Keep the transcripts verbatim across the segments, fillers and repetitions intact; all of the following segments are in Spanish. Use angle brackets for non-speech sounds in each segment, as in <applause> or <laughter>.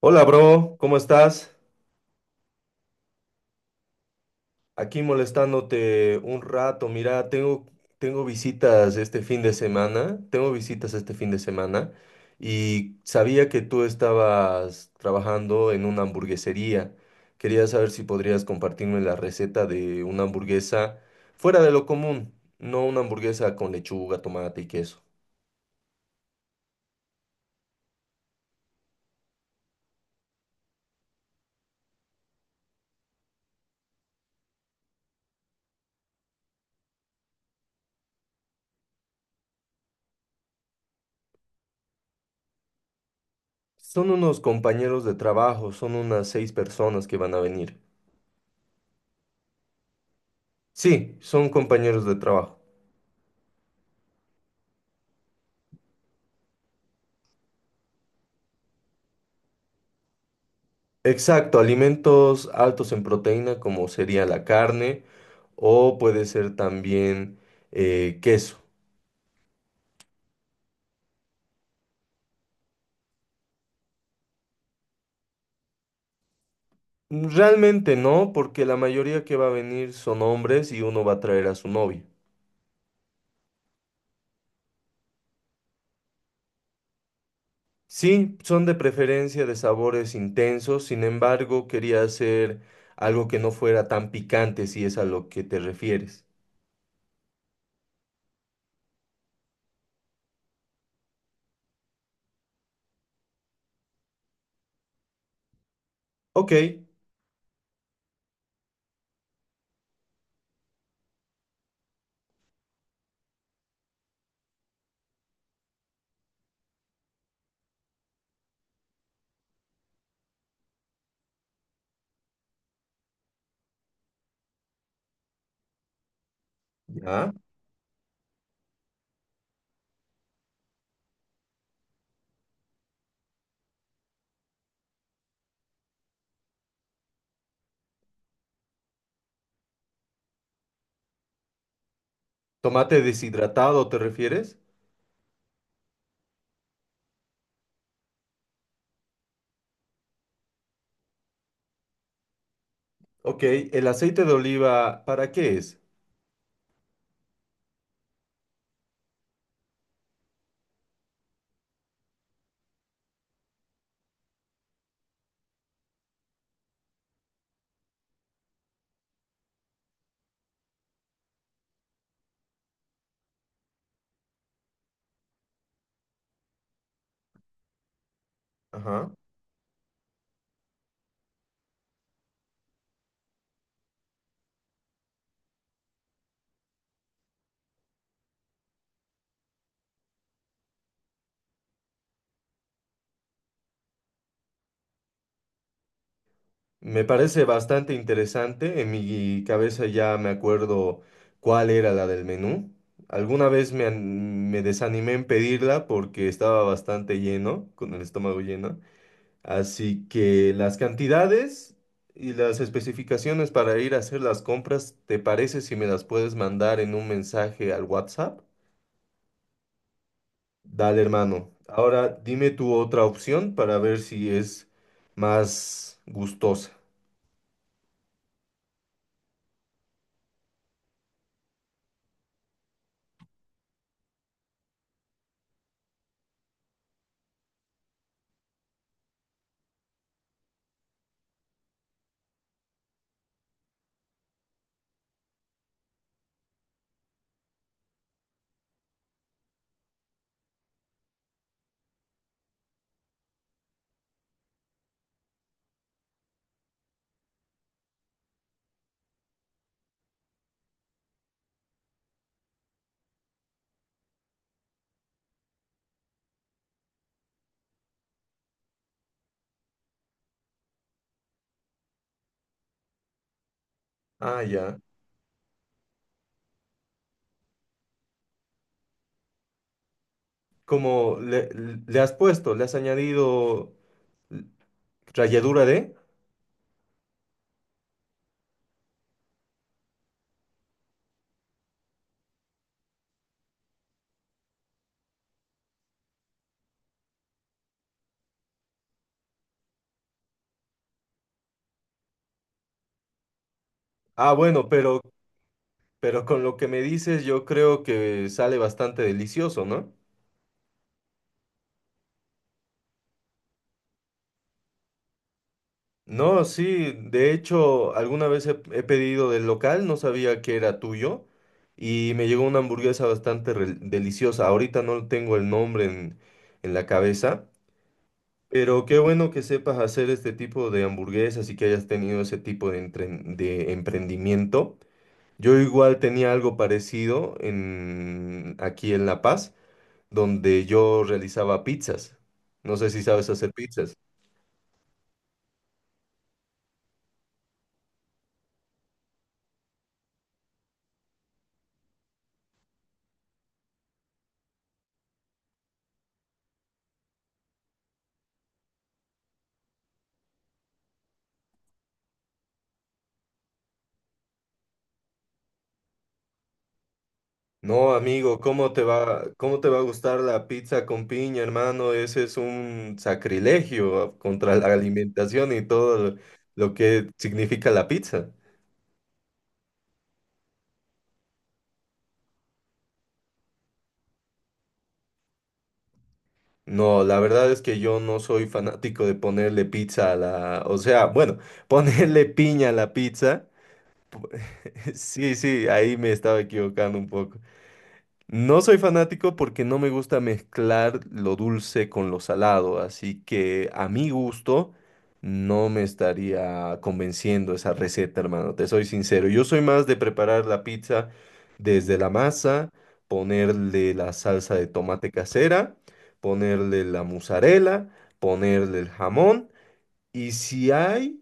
Hola, bro, ¿cómo estás? Aquí molestándote un rato. Mira, tengo, tengo visitas este fin de semana. Tengo visitas este fin de semana y sabía que tú estabas trabajando en una hamburguesería. Quería saber si podrías compartirme la receta de una hamburguesa fuera de lo común, no una hamburguesa con lechuga, tomate y queso. Son unos compañeros de trabajo, son unas seis personas que van a venir. Sí, son compañeros de trabajo. Exacto, alimentos altos en proteína como sería la carne o puede ser también eh, queso. Realmente no, porque la mayoría que va a venir son hombres y uno va a traer a su novia. Sí, son de preferencia de sabores intensos, sin embargo, quería hacer algo que no fuera tan picante si es a lo que te refieres. Ok, ya. ¿Tomate deshidratado te refieres? Ok, ¿el aceite de oliva para qué es? Ajá. Me parece bastante interesante. En mi cabeza ya me acuerdo cuál era la del menú. Alguna vez me, an- me desanimé en pedirla porque estaba bastante lleno, con el estómago lleno. Así que las cantidades y las especificaciones para ir a hacer las compras, ¿te parece si me las puedes mandar en un mensaje al WhatsApp? Dale, hermano. Ahora dime tu otra opción para ver si es más gustosa. Ah, ya. como le, le has puesto, le has añadido ralladura de. Ah, bueno, pero, pero con lo que me dices, yo creo que sale bastante delicioso, ¿no? No, sí, de hecho, alguna vez he, he pedido del local, no sabía que era tuyo, y me llegó una hamburguesa bastante re- deliciosa. Ahorita no tengo el nombre en, en la cabeza, pero qué bueno que sepas hacer este tipo de hamburguesas y que hayas tenido ese tipo de, entren- de emprendimiento. Yo igual tenía algo parecido en, aquí en La Paz, donde yo realizaba pizzas. No sé si sabes hacer pizzas. No, amigo, ¿cómo te va, ¿cómo te va a gustar la pizza con piña, hermano? Ese es un sacrilegio contra la alimentación y todo lo lo que significa la pizza. No, la verdad es que yo no soy fanático de ponerle pizza a la, o sea, bueno, <laughs> ponerle piña a la pizza. <laughs> Sí, sí, ahí me estaba equivocando un poco. No soy fanático porque no me gusta mezclar lo dulce con lo salado, así que a mi gusto no me estaría convenciendo esa receta, hermano, te soy sincero. Yo soy más de preparar la pizza desde la masa, ponerle la salsa de tomate casera, ponerle la mozzarella, ponerle el jamón y si hay,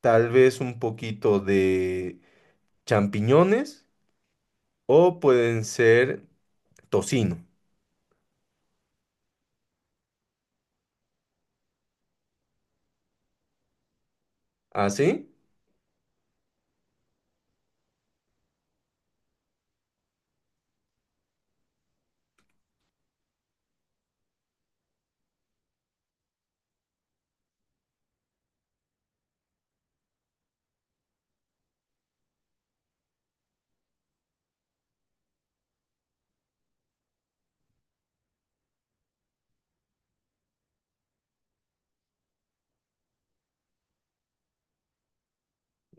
tal vez un poquito de champiñones o pueden ser tocino. ¿Así?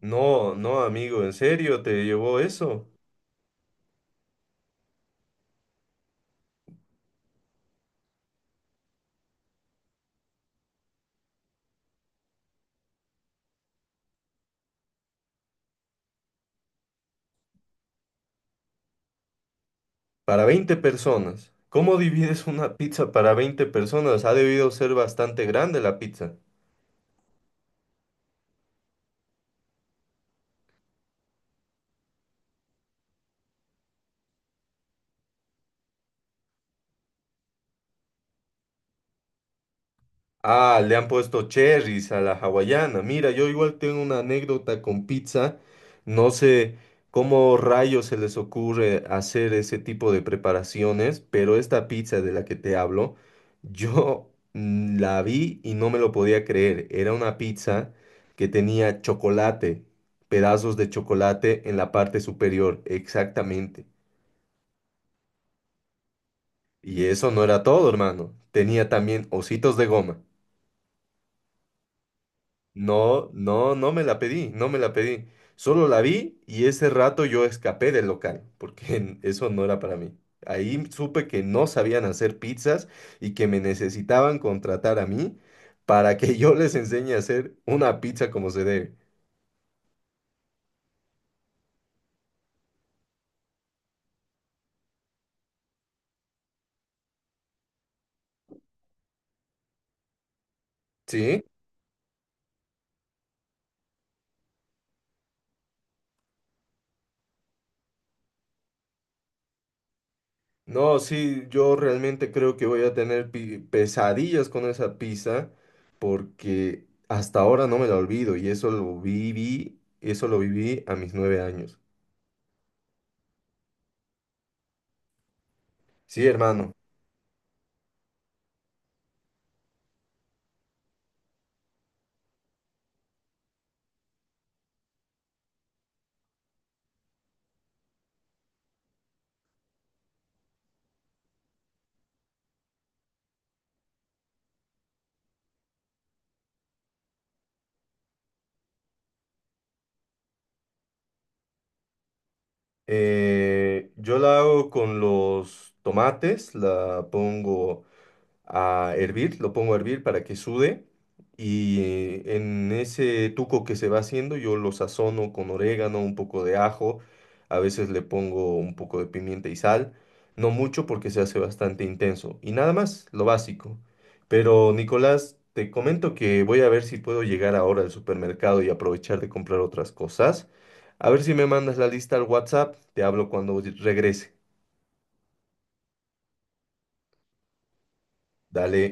No, no, amigo, ¿en serio te llevó eso? Para veinte personas. ¿Cómo divides una pizza para veinte personas? Ha debido ser bastante grande la pizza. Ah, le han puesto cherries a la hawaiana. Mira, yo igual tengo una anécdota con pizza. No sé cómo rayos se les ocurre hacer ese tipo de preparaciones, pero esta pizza de la que te hablo, yo mm, la vi y no me lo podía creer. Era una pizza que tenía chocolate, pedazos de chocolate en la parte superior, exactamente. Y eso no era todo, hermano. Tenía también ositos de goma. No, no, no me la pedí, no me la pedí. Solo la vi y ese rato yo escapé del local, porque en- eso no era para mí. Ahí supe que no sabían hacer pizzas y que me necesitaban contratar a mí para que <laughs> yo les enseñe a hacer una pizza como se debe. ¿Sí? No, sí, yo realmente creo que voy a tener pi- pesadillas con esa pizza porque hasta ahora no me la olvido y eso lo viví, eso lo viví a mis nueve años. Sí, hermano. Eh, yo la hago con los tomates, la pongo a hervir, lo pongo a hervir para que sude y eh, en ese tuco que se va haciendo yo lo sazono con orégano, un poco de ajo, a veces le pongo un poco de pimienta y sal, no mucho porque se hace bastante intenso y nada más, lo básico. Pero Nicolás, te comento que voy a ver si puedo llegar ahora al supermercado y aprovechar de comprar otras cosas. A ver si me mandas la lista al WhatsApp, te hablo cuando regrese. Dale.